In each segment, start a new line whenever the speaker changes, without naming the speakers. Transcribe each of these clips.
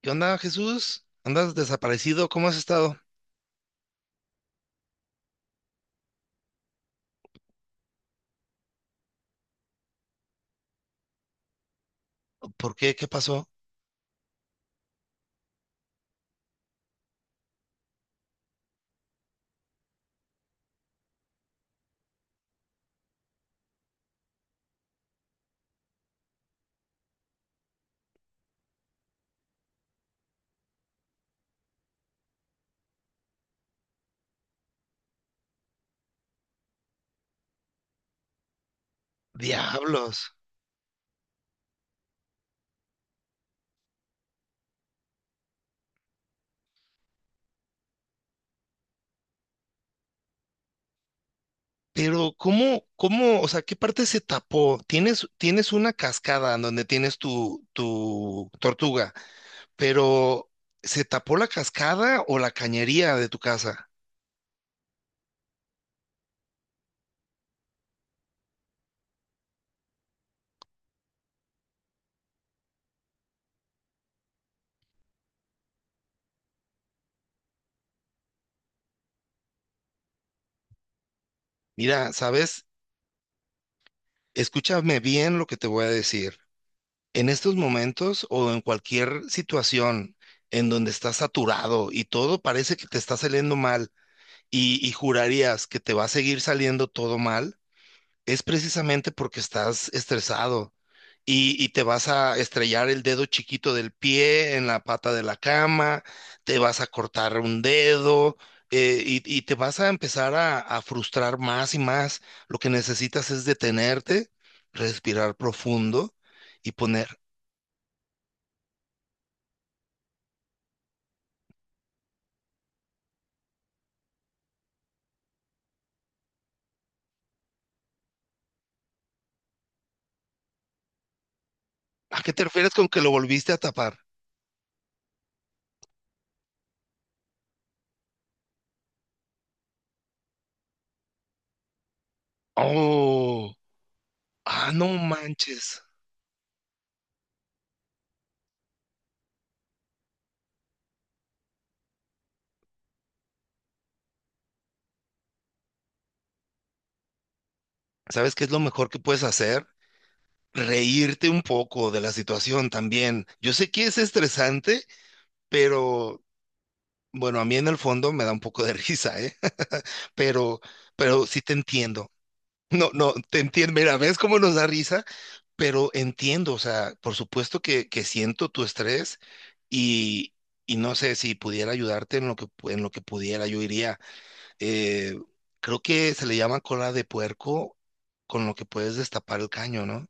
¿Qué onda, Jesús? ¿Andas desaparecido? ¿Cómo has estado? ¿Por qué? ¿Qué pasó? Diablos. Pero, ¿cómo, o sea, ¿qué parte se tapó? Tienes una cascada en donde tienes tu tortuga, pero ¿se tapó la cascada o la cañería de tu casa? Mira, ¿sabes? Escúchame bien lo que te voy a decir. En estos momentos o en cualquier situación en donde estás saturado y todo parece que te está saliendo mal, y jurarías que te va a seguir saliendo todo mal, es precisamente porque estás estresado y te vas a estrellar el dedo chiquito del pie en la pata de la cama, te vas a cortar un dedo y te vas a empezar a frustrar más y más. Lo que necesitas es detenerte, respirar profundo y poner, ¿a qué te refieres con que lo volviste a tapar? Oh, ah, no manches. ¿Sabes qué es lo mejor que puedes hacer? Reírte un poco de la situación también. Yo sé que es estresante, pero bueno, a mí en el fondo me da un poco de risa, ¿eh? Pero, pero sí te entiendo. No, no, te entiendo. Mira, ¿ves cómo nos da risa? Pero entiendo, o sea, por supuesto que siento tu estrés y, y no sé si pudiera ayudarte en lo que, en lo que pudiera, yo iría. Eh, Creo que se le llama cola de puerco con lo que puedes destapar el caño, ¿no?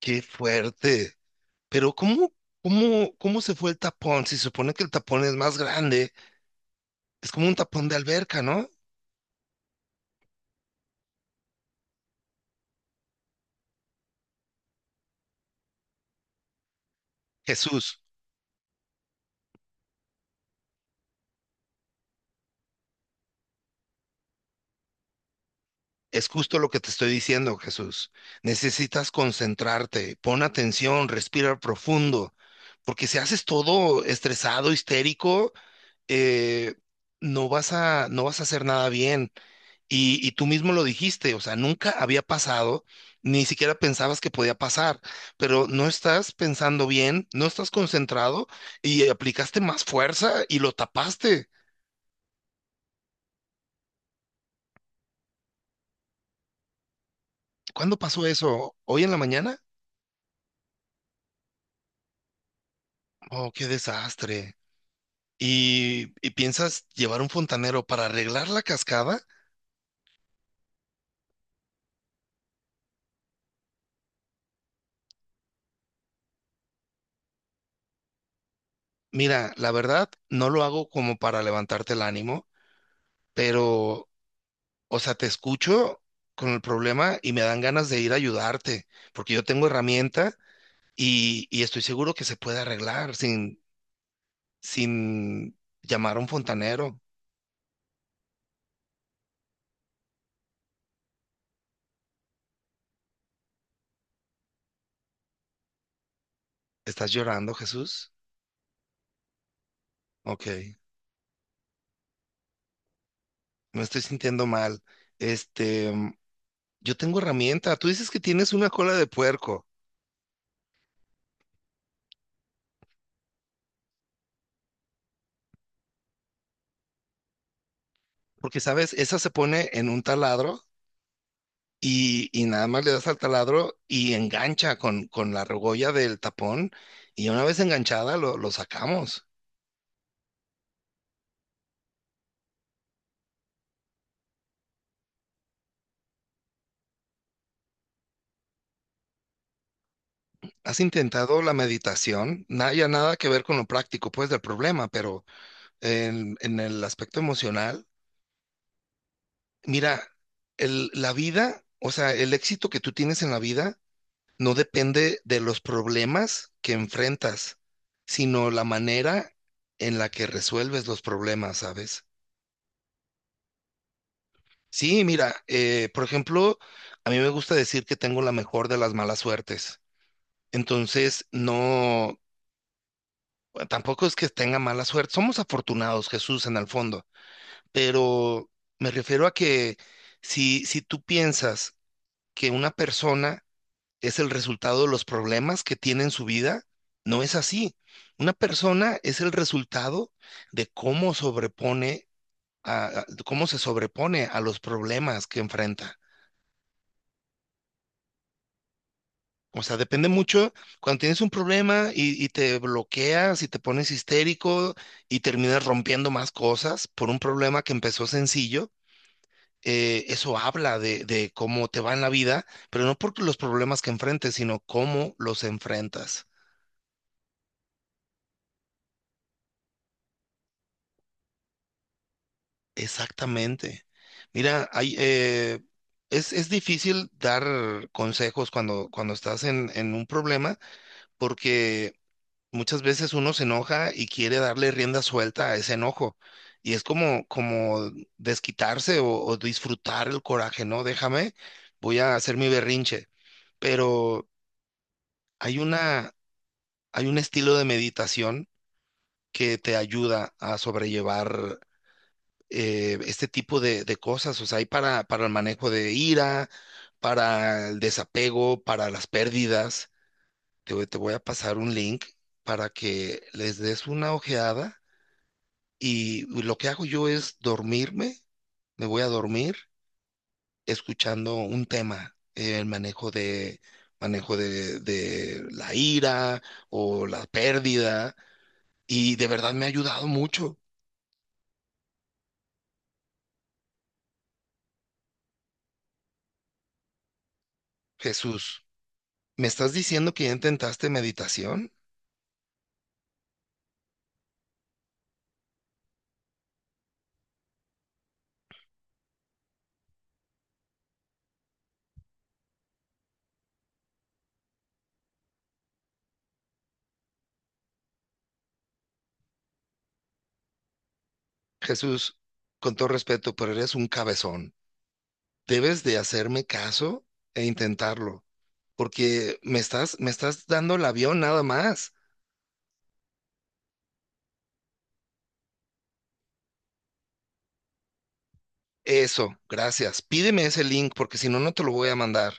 Qué fuerte. Pero ¿cómo, cómo se fue el tapón? Si se supone que el tapón es más grande, es como un tapón de alberca, ¿no? Jesús, es justo lo que te estoy diciendo, Jesús. Necesitas concentrarte, pon atención, respira profundo, porque si haces todo estresado, histérico, eh, no vas a, no vas a hacer nada bien. Y tú mismo lo dijiste, o sea, nunca había pasado, ni siquiera pensabas que podía pasar, pero no estás pensando bien, no estás concentrado y aplicaste más fuerza y lo tapaste. ¿Cuándo pasó eso? ¿Hoy en la mañana? Oh, qué desastre. Y piensas llevar un fontanero para arreglar la cascada? Mira, la verdad, no lo hago como para levantarte el ánimo, pero o sea, te escucho con el problema y me dan ganas de ir a ayudarte, porque yo tengo herramienta y estoy seguro que se puede arreglar sin, sin llamar a un fontanero. ¿Estás llorando, Jesús? Ok, me estoy sintiendo mal. Este, yo tengo herramienta. Tú dices que tienes una cola de puerco, porque sabes, esa se pone en un taladro y nada más le das al taladro y engancha con la argolla del tapón y una vez enganchada lo sacamos. ¿Has intentado la meditación? Nada, ya nada que ver con lo práctico, pues, del problema, pero en el aspecto emocional, mira, el- la vida, o sea, el éxito que tú tienes en la vida no depende de los problemas que enfrentas, sino la manera en la que resuelves los problemas, ¿sabes? Sí, mira, por ejemplo, a mí me gusta decir que tengo la mejor de las malas suertes. Entonces, no, bueno, tampoco es que tenga mala suerte. Somos afortunados, Jesús, en el fondo. Pero me refiero a que si, si tú piensas que una persona es el resultado de los problemas que tiene en su vida, no es así. Una persona es el resultado de cómo sobrepone a, cómo se sobrepone a los problemas que enfrenta. O sea, depende mucho cuando tienes un problema y te bloqueas y te pones histérico y terminas rompiendo más cosas por un problema que empezó sencillo. Eso habla de cómo te va en la vida, pero no por los problemas que enfrentes, sino cómo los enfrentas. Exactamente. Mira, hay, es difícil dar consejos cuando, cuando estás en un problema porque muchas veces uno se enoja y quiere darle rienda suelta a ese enojo. Y es como, como desquitarse o disfrutar el coraje, ¿no? Déjame, voy a hacer mi berrinche. Pero hay una, hay un estilo de meditación que te ayuda a sobrellevar este tipo de cosas. O sea, hay para el manejo de ira, para el desapego, para las pérdidas. Te, te voy a pasar un link para que les des una ojeada. Y lo que hago yo es dormirme, me voy a dormir escuchando un tema, el manejo de la ira o la pérdida, y de verdad me ha ayudado mucho. Jesús, ¿me estás diciendo que ya intentaste meditación? Jesús, con todo respeto, pero eres un cabezón. Debes de hacerme caso e intentarlo, porque me estás dando el avión nada más. Eso, gracias. Pídeme ese link porque si no, no te lo voy a mandar.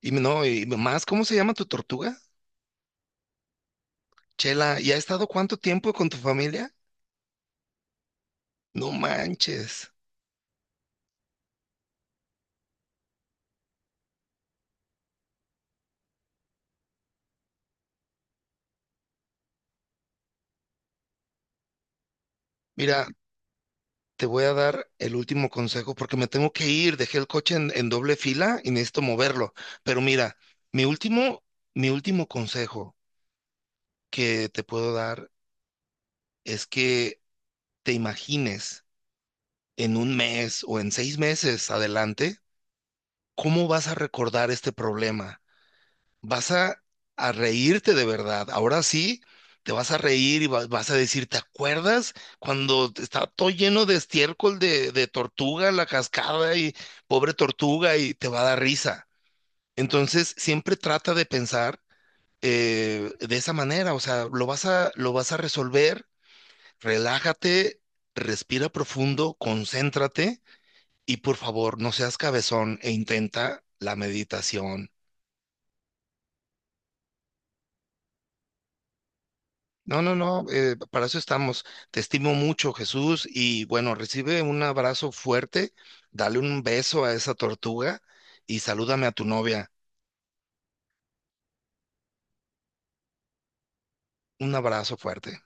Y no, y más, ¿cómo se llama tu tortuga? Chela, ¿y ha estado cuánto tiempo con tu familia? No manches. Mira, te voy a dar el último consejo porque me tengo que ir. Dejé el coche en doble fila y necesito moverlo. Pero mira, mi último, mi último consejo que te puedo dar es que te imagines en un mes o en 6 meses adelante cómo vas a recordar este problema. Vas a reírte de verdad. Ahora sí, te vas a reír y vas a decir, ¿te acuerdas cuando estaba todo lleno de estiércol de tortuga, la cascada y pobre tortuga y te va a dar risa? Entonces, siempre trata de pensar de esa manera, o sea, lo vas a resolver, relájate, respira profundo, concéntrate y por favor, no seas cabezón e intenta la meditación. No, no, no, para eso estamos. Te estimo mucho, Jesús, y bueno, recibe un abrazo fuerte, dale un beso a esa tortuga y salúdame a tu novia. Un abrazo fuerte.